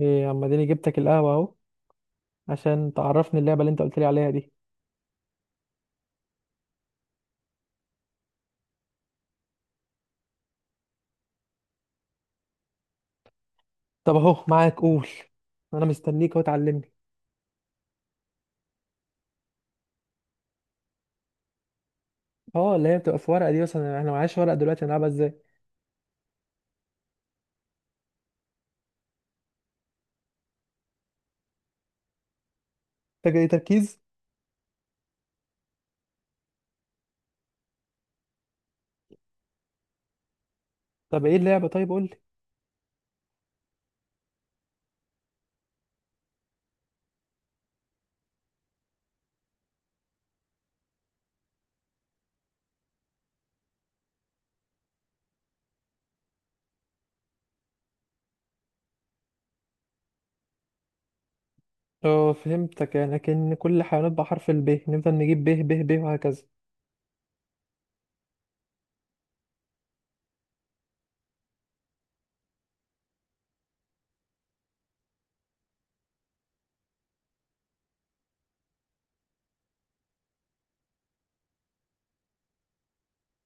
ايه اما اديني جبتك القهوة اهو عشان تعرفني اللعبة اللي انت قلت لي عليها دي. طب اهو معاك، قول. انا مستنيك اهو تعلمني. اه، اللي هي بتبقى في ورقة دي مثلا، احنا معاش ورقة دلوقتي، هنلعبها ازاي؟ محتاجة ايه؟ تركيز. طب ايه اللعبة؟ طيب قول لي. اه، فهمتك يعني، لكن كل حيوانات بحرف ال ب، نفضل نجيب ب ب ب وهكذا.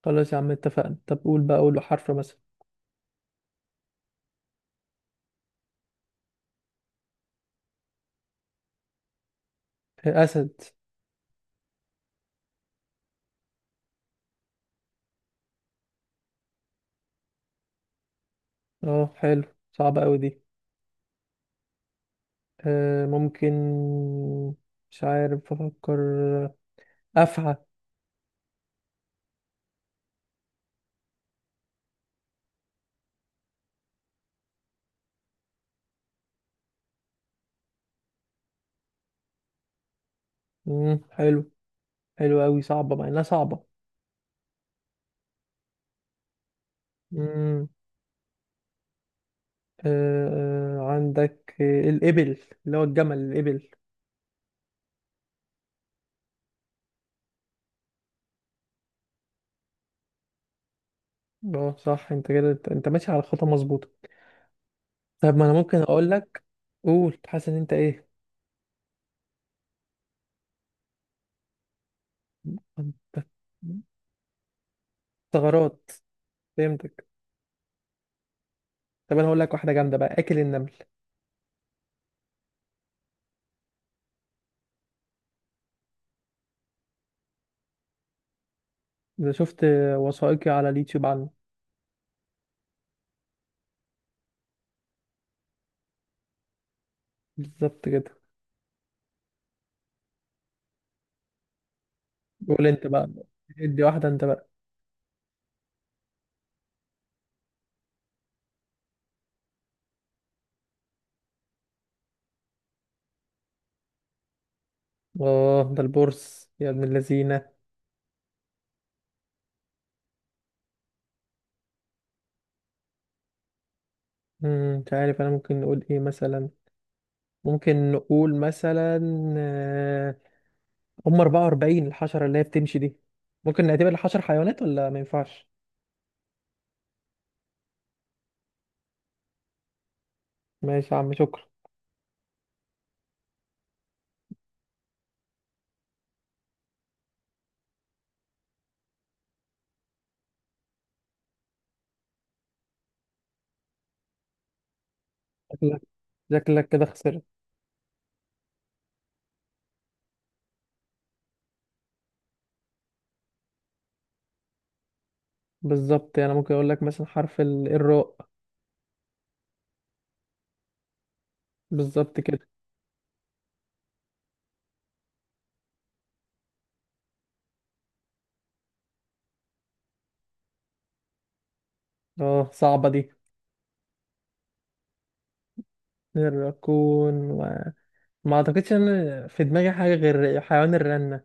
خلاص يا عم، اتفقنا. طب قول بقى، قول حرف مثلا. آه، اسد. اه حلو. صعبة قوي دي. آه ممكن. مش عارف افكر. آه، افعى. مم، حلو. حلو أوي، صعبة، مع إنها صعبة. مم. آه. عندك الإبل، اللي هو الجمل، الإبل. اه صح، أنت كده أنت ماشي على خطة مظبوطة. طب ما أنا ممكن أقول لك، قول. حاسس إن أنت إيه؟ أنت. ثغرات. فهمتك. طب أنا هقول لك واحدة جامدة بقى، آكل النمل. إذا شفت وثائقي على اليوتيوب عنه. بالظبط كده. قول أنت بقى. ادي واحدة أنت بقى. اه، ده البورس يا ابن اللذينة. مش عارف أنا، ممكن نقول إيه مثلا؟ ممكن نقول مثلا، آه، هم 44، الحشرة اللي هي بتمشي دي. ممكن نعتبر الحشر حيوانات ولا ما ينفعش؟ ماشي يا عم، شكرا. شكلك شكلك كده خسرت. بالظبط، انا ممكن اقول لك مثلا حرف الراء. بالظبط كده. اه صعبة دي. الراكون و... ما اعتقدش ان في دماغي حاجة غير حيوان الرنة.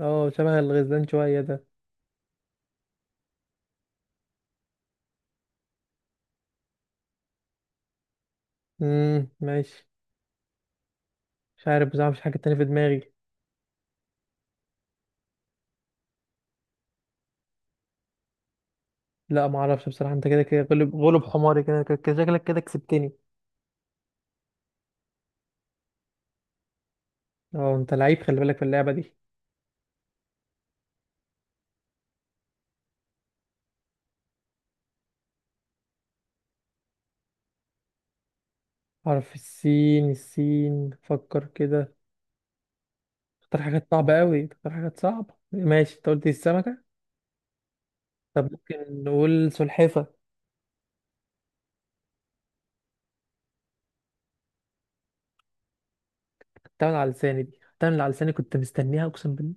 اه، شبه الغزلان شوية ده. ماشي. مش عارف بصراحة، مفيش حاجة تانية في دماغي. لا ما اعرفش بصراحة، انت كده كده غلب غلب حماري، كده كده كده. شكلك كده كسبتني. اه، انت لعيب، خلي بالك في اللعبة دي. حرف السين، السين، فكر كده. اختار حاجات صعبة قوي، اختار حاجات صعبة، ماشي. انت قلت السمكة. طب ممكن نقول سلحفة. بتعمل على لساني دي، بتعمل على لساني، كنت مستنيها اقسم بالله.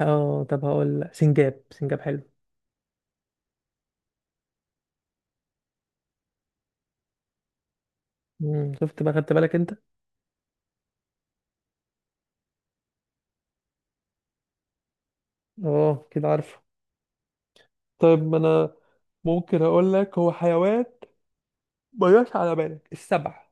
اه، طب هقول لأ، سنجاب. سنجاب حلو. مم. شفت بقى، خدت بالك انت؟ اه كده عارفه. طيب ما انا، ممكن اقول لك هو حيوان، ما جاش على بالك، السبع.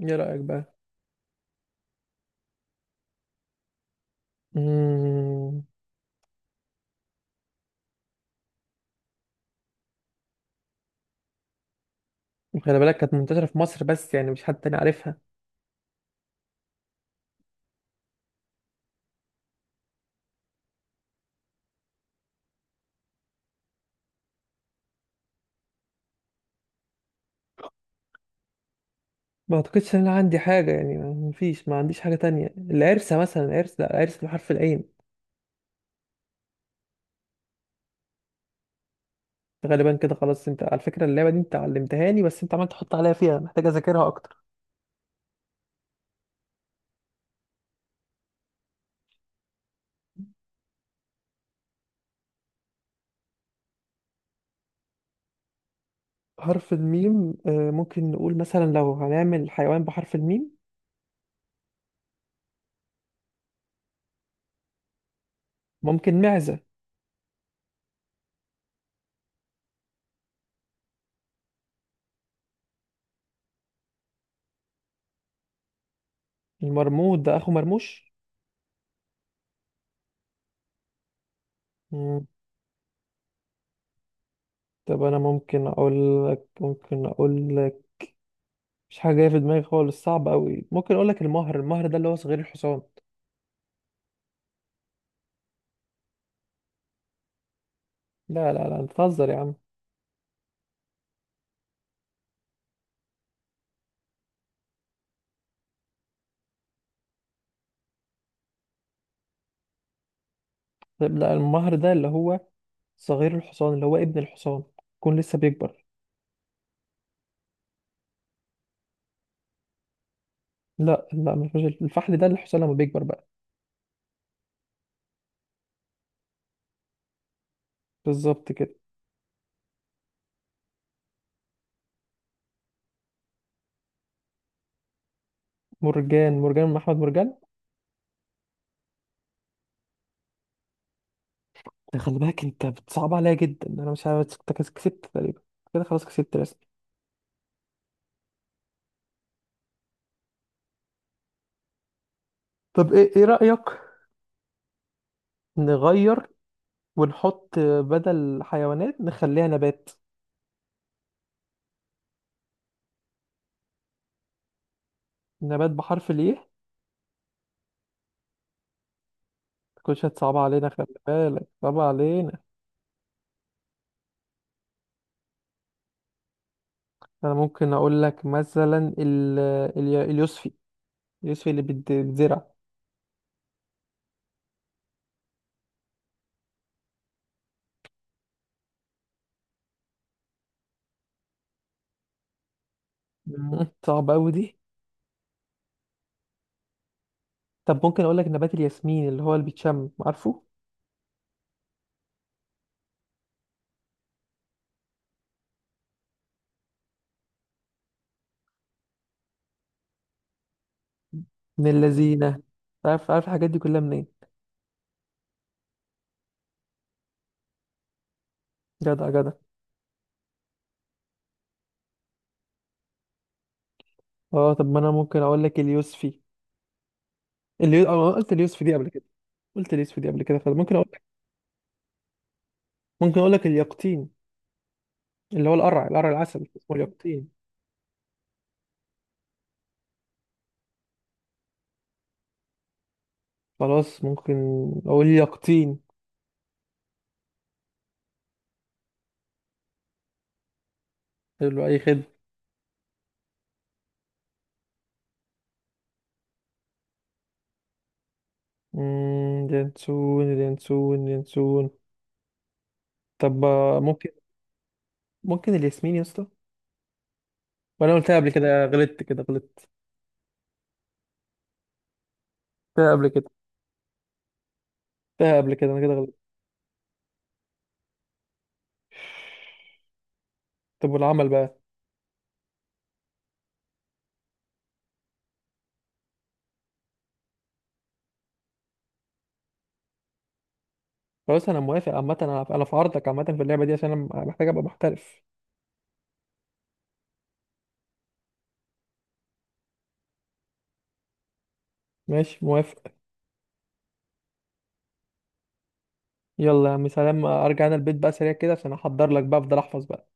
ايه رأيك بقى؟ امم. خلي بالك كانت منتشرة في مصر بس، يعني مش حد تاني عارفها. ما اعتقدش ان انا عندي حاجه يعني، ما فيش، ما عنديش حاجه تانية. العرسه مثلا، العرس، لا، العرس بحرف العين. غالبا كده خلاص. انت على فكره اللعبه دي انت علمتها لي، بس انت عمال تحط عليا فيها، محتاج اذاكرها اكتر. حرف الميم، ممكن نقول مثلا، لو هنعمل حيوان بحرف الميم. ممكن معزه. المرمود ده اخو مرموش. مم. طب انا ممكن اقول لك مش حاجه جايه في دماغي خالص، صعب قوي. ممكن اقول لك المهر. المهر ده اللي هو صغير الحصان. لا لا لا، انت بتهزر يا عم. لا، المهر ده اللي هو صغير الحصان، اللي هو ابن الحصان، يكون لسه بيكبر. لا لا، ما فيهاش، الفحل ده الحصان لما بيكبر بقى. بالظبط كده. مرجان. مرجان من احمد مرجان. ده خلي بالك، انت بتصعب عليا جدا. انا مش عارف، أنت كسبت تقريبا، كده خلاص، كسبت رسمي. طب ايه رأيك نغير، ونحط بدل حيوانات نخليها نبات؟ نبات بحرف الايه؟ كل هتصعب علينا، خلي بالك صعب علينا. انا ممكن اقول لك مثلا اليوسفي، اليوسفي اللي بتزرع. مم. صعب قوي دي. طب ممكن اقول لك نبات الياسمين، اللي هو اللي بيتشم، عارفه. من اللذينه. عارف عارف الحاجات دي كلها منين. جدع جدع. اه، طب ما انا ممكن اقول لك اليوسفي. اللي أنا قلت اليوسفي دي قبل كده، قلت اليوسفي دي قبل كده، فممكن اقول لك، ممكن اقول لك اليقطين، اللي هو القرع العسل اسمه اليقطين. خلاص، ممكن اقول يقطين. حلو، اي خدمه. امم، ينسون، ينسون، ينسون. طب ممكن، ممكن الياسمين يا اسطى. وانا قلتها قبل كده، غلطت كده، غلطت. قلتها قبل كده، انا كده غلطت. طب والعمل بقى؟ خلاص انا موافق، عامه انا في عرضك عامه في اللعبه دي، عشان انا محتاج ابقى محترف. ماشي موافق. يلا يا عم، سلام، ارجع انا البيت بقى سريع كده عشان احضر لك بقى، افضل احفظ بقى.